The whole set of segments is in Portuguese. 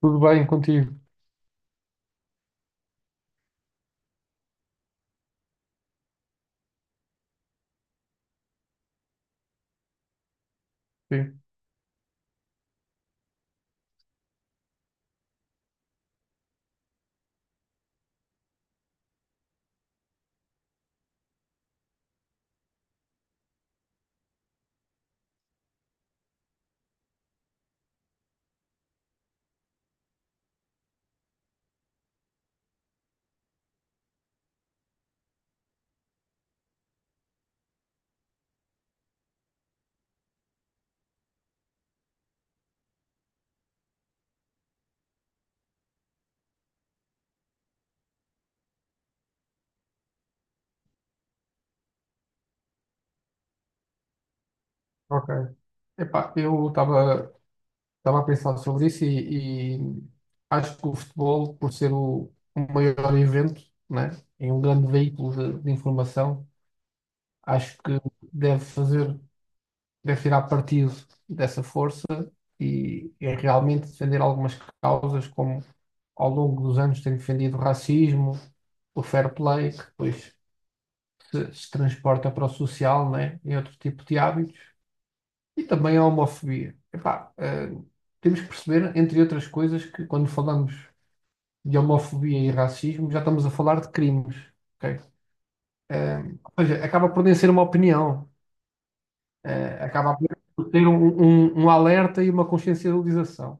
Tudo bem contigo? Sim, ok. Eu estava a pensar sobre isso e acho que o futebol, por ser o maior evento, né, e um grande veículo de informação, acho que deve fazer, deve tirar partido dessa força e realmente defender algumas causas, como ao longo dos anos tem defendido o racismo, o fair play, que depois se transporta para o social, né, e outro tipo de hábitos. E também a homofobia. Temos que perceber, entre outras coisas, que quando falamos de homofobia e racismo, já estamos a falar de crimes. Ok? Eh, ou seja, acaba por nem ser uma opinião, acaba por ter um, um alerta e uma consciencialização.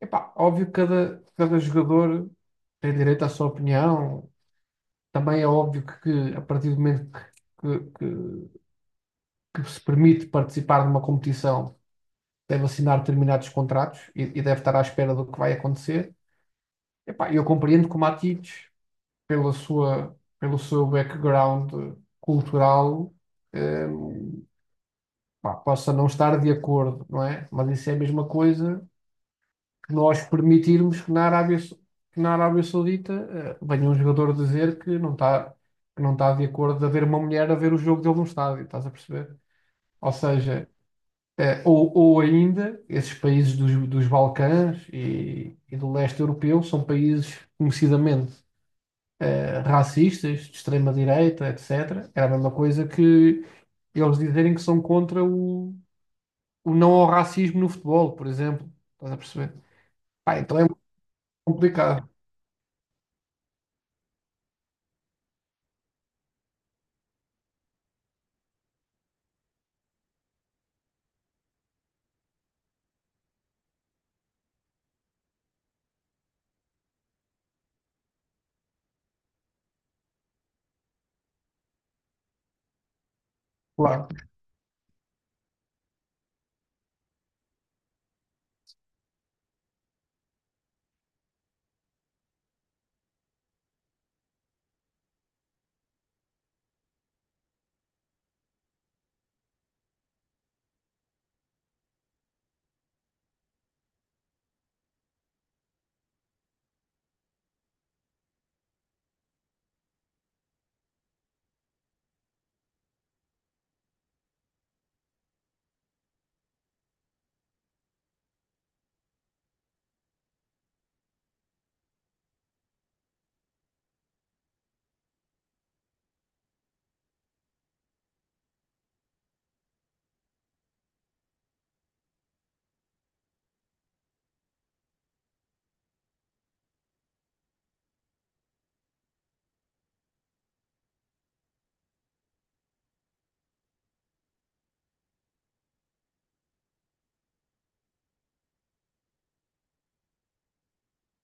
Epá, óbvio que cada jogador tem direito à sua opinião. Também é óbvio que a partir do momento que se permite participar de uma competição deve assinar determinados contratos e deve estar à espera do que vai acontecer. Epá, eu compreendo que o Matites, pelo seu background cultural, eh, pá, possa não estar de acordo, não é? Mas isso é a mesma coisa que nós permitirmos que na que na Arábia Saudita, venha um jogador dizer que que não está de acordo de haver uma mulher a ver o jogo dele num estádio, estás a perceber? Ou seja, ou ainda, esses países dos Balcãs e do leste europeu são países conhecidamente racistas, de extrema-direita, etc. Era a mesma coisa que eles dizerem que são contra o não ao racismo no futebol, por exemplo. Estás a perceber? Pá, então é muito complicado, claro.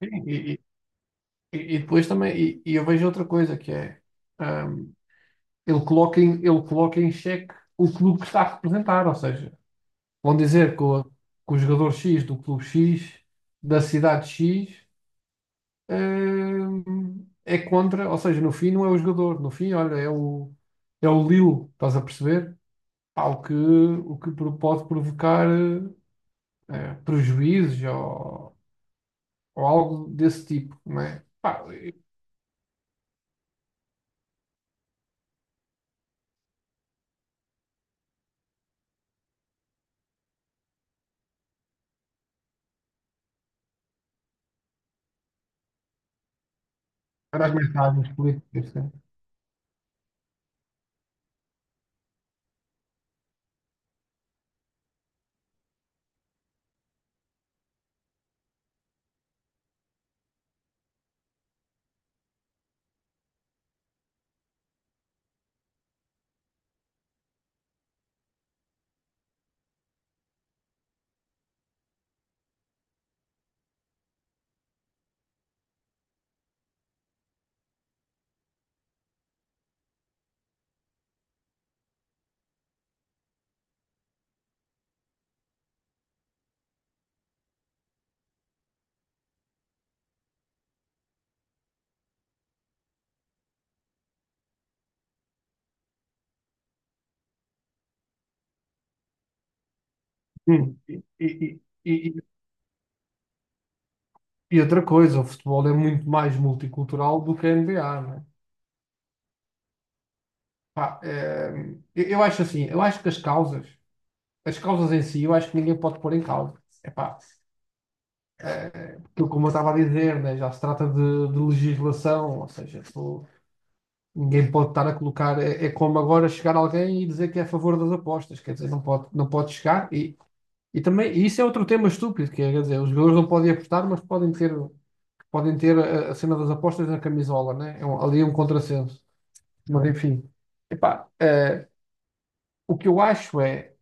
E, e- e depois também, e eu vejo outra coisa que é ahm, ele coloca em xeque o clube que está a representar, ou seja. Vão dizer que que o jogador X do clube X, da cidade X, é contra, ou seja, no fim não é o jogador, no fim, olha, é é o Lille, estás a perceber? Pá, o que pode provocar prejuízos ou algo desse tipo, não é? Pá, e- para as mensagens políticas, né? Hum, E, e, e, e- e outra coisa, o futebol é muito mais multicultural do que a NBA. Pá, eu acho assim, eu acho que as causas em si, eu acho que ninguém pode pôr em causa. Epá, aquilo como eu estava a dizer, né, já se trata de legislação, ou seja, tu- ninguém pode estar a colocar, é, é como agora chegar alguém e dizer que é a favor das apostas, quer dizer, não pode, não pode chegar e também, e isso é outro tema estúpido, que é, quer dizer, os jogadores não podem apostar, mas podem podem ter a cena das apostas na camisola, né? É um- ali é um contrassenso, mas enfim, epá, o que eu acho é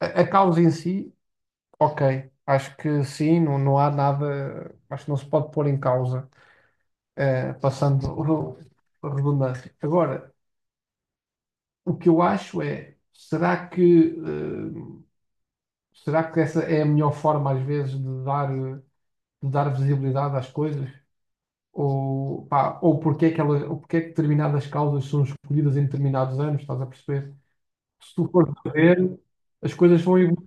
a causa em si, ok. Acho que sim, não, não há nada. Acho que não se pode pôr em causa, passando o- a redundância. Agora, o que eu acho é: será que, será que essa é a melhor forma, às vezes, de dar visibilidade às coisas? Ou, pá, ou porque é que elas, ou porque é que determinadas causas são escolhidas em determinados anos? Estás a perceber? Se tu fores a ver, as coisas vão evoluir.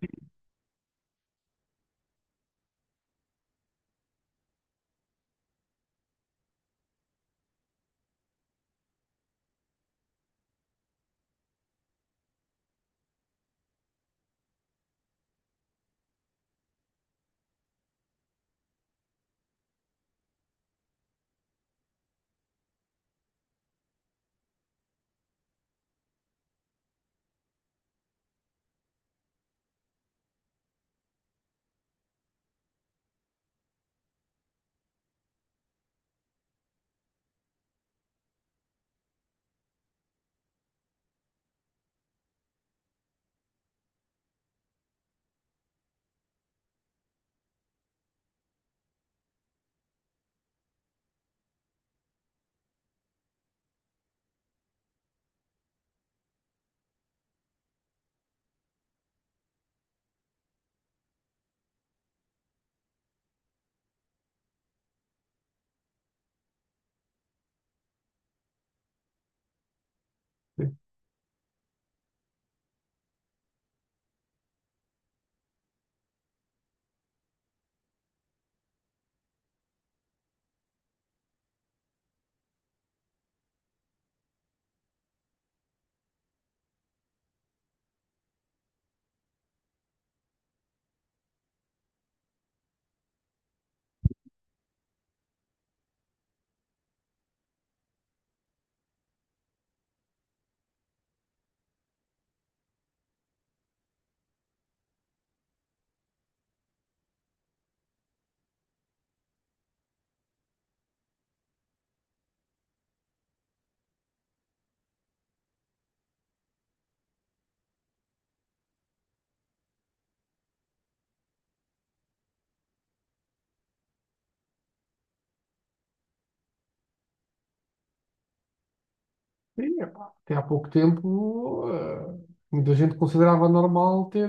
Sim, epá, até há pouco tempo, muita gente considerava normal ter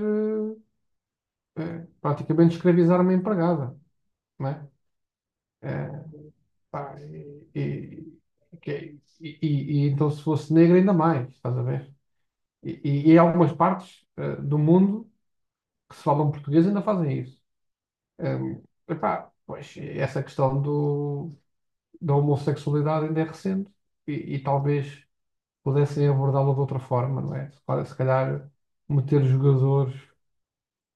praticamente escravizar uma empregada, não é? Eh, pá, que- é, e então, se fosse negra, ainda mais, estás a ver? E há algumas partes do mundo que se falam português ainda fazem isso. Epá, pois, essa questão do, da homossexualidade ainda é recente e talvez pudessem abordá-lo de outra forma, não é? Claro, se calhar meter os jogadores,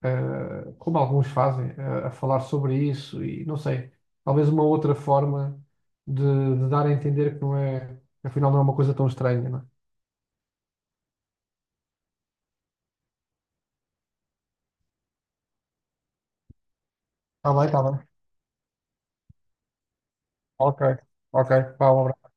como alguns fazem, a falar sobre isso e não sei, talvez uma outra forma de dar a entender que não é, afinal não é uma coisa tão estranha, não é? Tá bem, tá bem. Ok, ok. Vá, um abraço.